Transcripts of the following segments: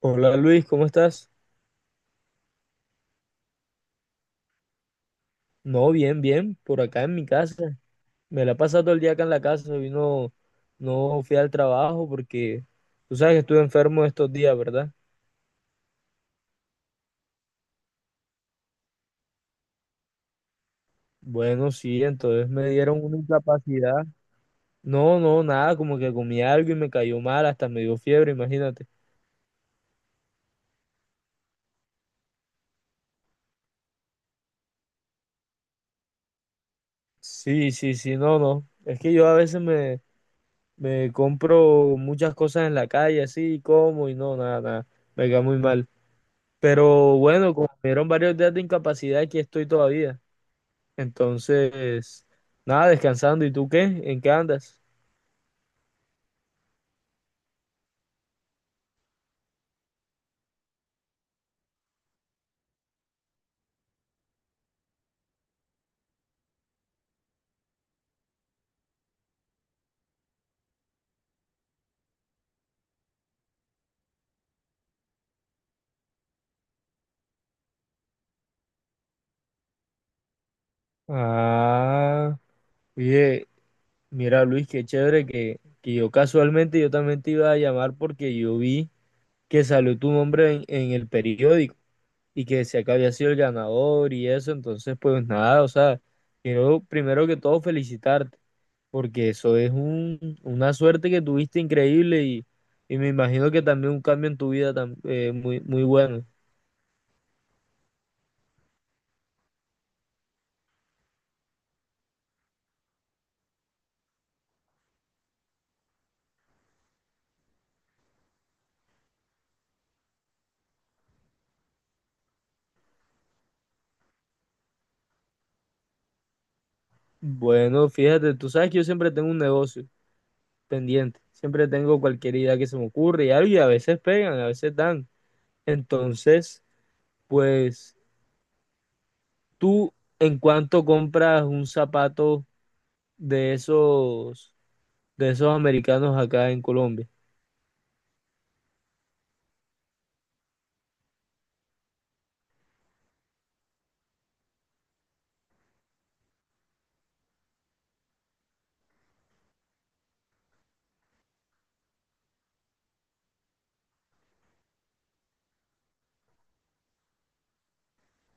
Hola Luis, ¿cómo estás? No, bien, bien, por acá en mi casa. Me la he pasado todo el día acá en la casa. Hoy no, no fui al trabajo porque tú sabes que estuve enfermo estos días, ¿verdad? Bueno, sí, entonces me dieron una incapacidad. No, no, nada, como que comí algo y me cayó mal, hasta me dio fiebre, imagínate. Sí, sí, sí, no, no. Es que yo a veces me compro muchas cosas en la calle, así, como y no, nada, nada. Me cae muy mal. Pero bueno, como me dieron varios días de incapacidad, aquí estoy todavía. Entonces, nada, descansando. ¿Y tú qué? ¿En qué andas? Ah, oye, mira Luis, qué chévere que yo casualmente yo también te iba a llamar porque yo vi que salió tu nombre en el periódico y que decía que había sido el ganador y eso. Entonces, pues nada, o sea, quiero primero que todo felicitarte, porque eso es una suerte que tuviste increíble y me imagino que también un cambio en tu vida muy, muy bueno. Bueno, fíjate, tú sabes que yo siempre tengo un negocio pendiente, siempre tengo cualquier idea que se me ocurre y algo, y a veces pegan, a veces dan. Entonces, pues tú en cuánto compras un zapato de esos, de esos americanos acá en Colombia.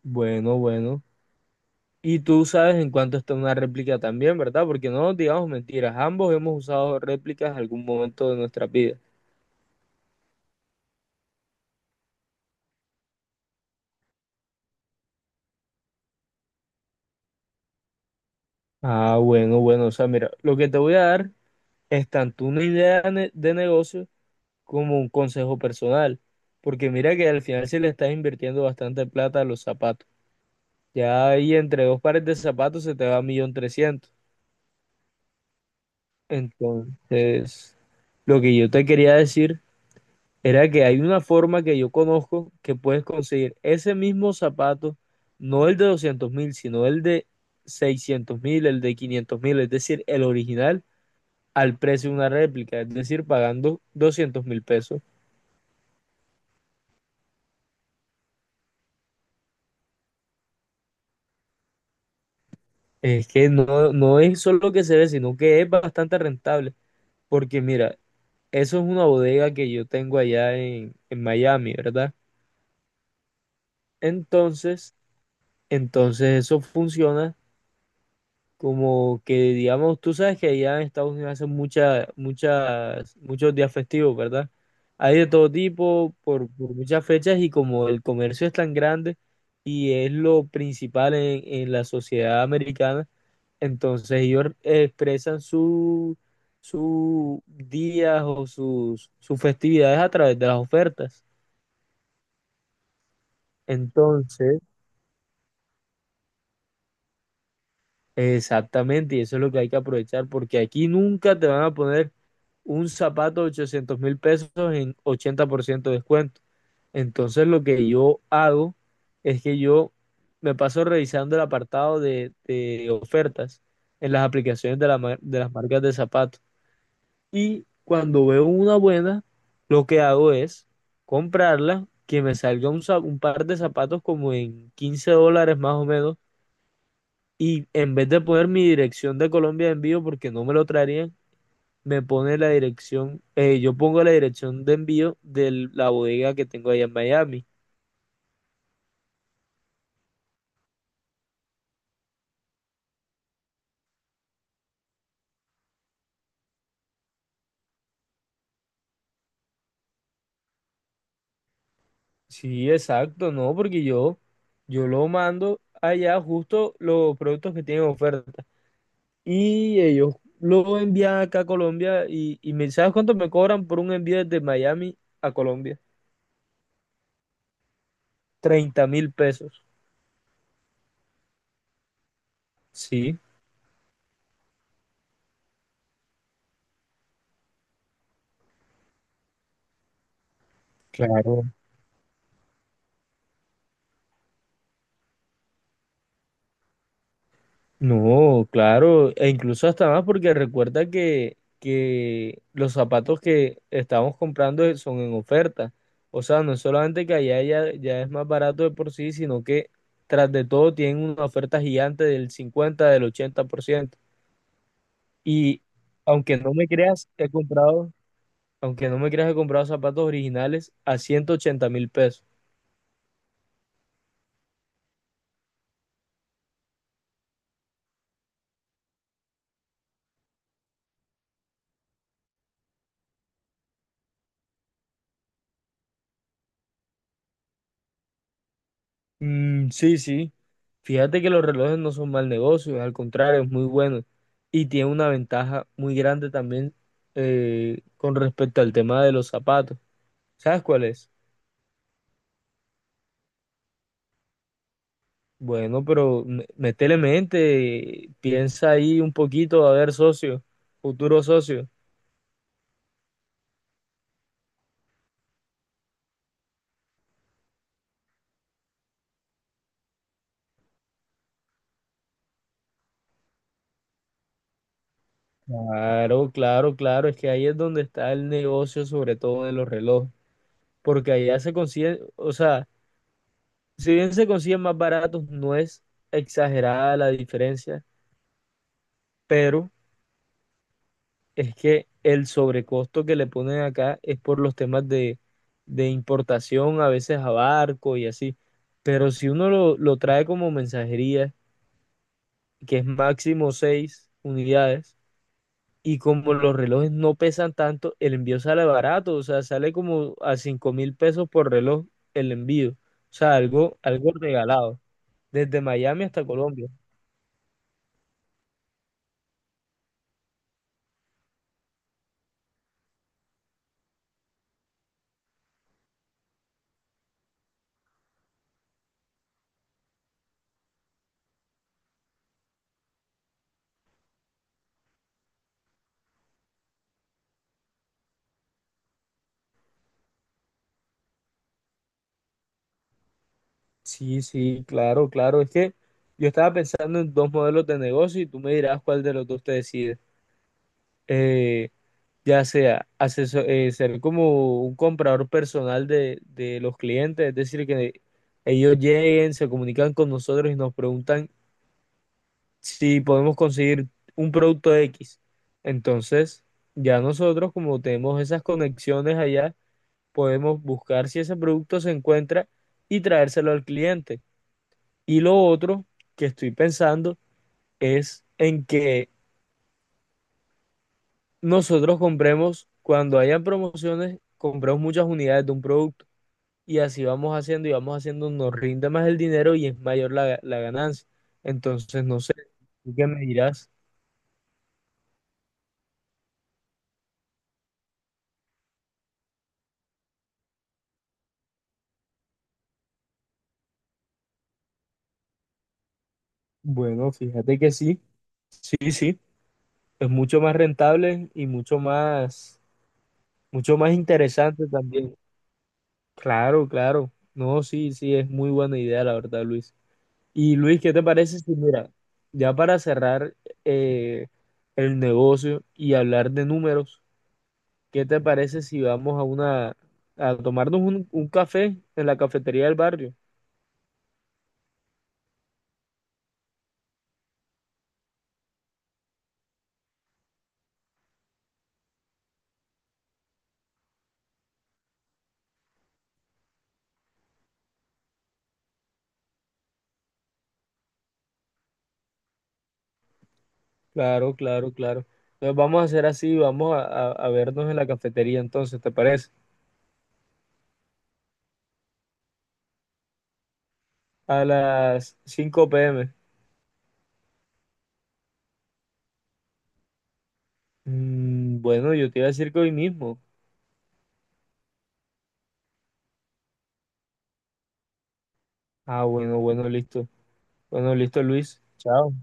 Bueno, bueno. Y tú sabes en cuánto está una réplica también, ¿verdad? Porque no nos digamos mentiras, ambos hemos usado réplicas en algún momento de nuestra vida. Ah, bueno, bueno, o sea, mira, lo que te voy a dar es tanto una de negocio como un consejo personal, porque mira que al final se le estás invirtiendo bastante plata a los zapatos. Ya ahí entre dos pares de zapatos se te va 1.300.000. Entonces, lo que yo te quería decir era que hay una forma que yo conozco que puedes conseguir ese mismo zapato, no el de 200.000, sino el de 600.000, el de 500.000, es decir, el original al precio de una réplica, es decir, pagando 200.000 pesos. Es que no, no es solo que se ve, sino que es bastante rentable, porque mira, eso es una bodega que yo tengo allá en Miami, ¿verdad? Entonces, entonces eso funciona como que digamos, tú sabes que allá en Estados Unidos hacen muchos días festivos, ¿verdad? Hay de todo tipo, por muchas fechas, y como el comercio es tan grande y es lo principal en la sociedad americana, entonces ellos expresan sus días o sus festividades a través de las ofertas. Entonces, exactamente, y eso es lo que hay que aprovechar, porque aquí nunca te van a poner un zapato de 800.000 pesos en 80% de descuento. Entonces lo que yo hago es que yo me paso revisando el apartado de ofertas en las aplicaciones de las marcas de zapatos. Y cuando veo una buena, lo que hago es comprarla, que me salga un par de zapatos como en 15 dólares más o menos, y en vez de poner mi dirección de Colombia de envío, porque no me lo traerían, me pone la dirección, yo pongo la dirección de envío de la bodega que tengo allá en Miami. Sí, exacto, no, porque yo lo mando allá justo los productos que tienen oferta. Y ellos lo envían acá a Colombia y me, ¿sabes cuánto me cobran por un envío desde Miami a Colombia? 30.000 pesos. Sí. Claro, no, claro, e incluso hasta más porque recuerda que los zapatos que estamos comprando son en oferta. O sea, no es solamente que allá ya, ya es más barato de por sí, sino que tras de todo tienen una oferta gigante del cincuenta, del 80%. Y aunque no me creas, he comprado, aunque no me creas, he comprado zapatos originales a 180.000 pesos. Mm, sí, sí. Fíjate que los relojes no son mal negocio, al contrario, es muy bueno y tiene una ventaja muy grande también, con respecto al tema de los zapatos. ¿Sabes cuál es? Bueno, pero métele mente, piensa ahí un poquito, a ver, socio, futuro socio. Claro, claro, claro, es que ahí es donde está el negocio, sobre todo de los relojes, porque allá se consiguen, o sea, si bien se consiguen más baratos, no es exagerada la diferencia, pero es que el sobrecosto que le ponen acá es por los temas de importación, a veces a barco y así. Pero si uno lo trae como mensajería, que es máximo 6 unidades, y como los relojes no pesan tanto, el envío sale barato, o sea, sale como a 5.000 pesos por reloj el envío. O sea, algo, algo regalado, desde Miami hasta Colombia. Sí, sí, claro, claro. Es que yo estaba pensando en dos modelos de negocio y tú me dirás cuál de los dos te decides. Eh, ya sea ser como un comprador personal de los clientes, es decir, que ellos lleguen, se comunican con nosotros y nos preguntan si podemos conseguir un producto X. Entonces, ya nosotros, como tenemos esas conexiones allá, podemos buscar si ese producto se encuentra y traérselo al cliente. Y lo otro que estoy pensando es en que nosotros compremos, cuando hayan promociones, compremos muchas unidades de un producto, y así vamos haciendo y vamos haciendo, nos rinde más el dinero y es mayor la ganancia. Entonces, no sé, ¿tú qué me dirás? Bueno, fíjate que sí, sí, sí, es mucho más rentable y mucho más interesante también. Claro, claro. No, sí, sí, es muy buena idea, la verdad, Luis. Y Luis, ¿qué te parece si, mira, ya para cerrar eh, el negocio y hablar de números, ¿qué te parece si vamos a a tomarnos un café en la cafetería del barrio? Claro, claro, claro. Entonces vamos a hacer así, vamos a vernos en la cafetería entonces, ¿te parece? A las 5 p.m. Bueno, yo te iba a decir que hoy mismo. Ah, bueno, bueno, listo. Bueno, listo, Luis. Chao.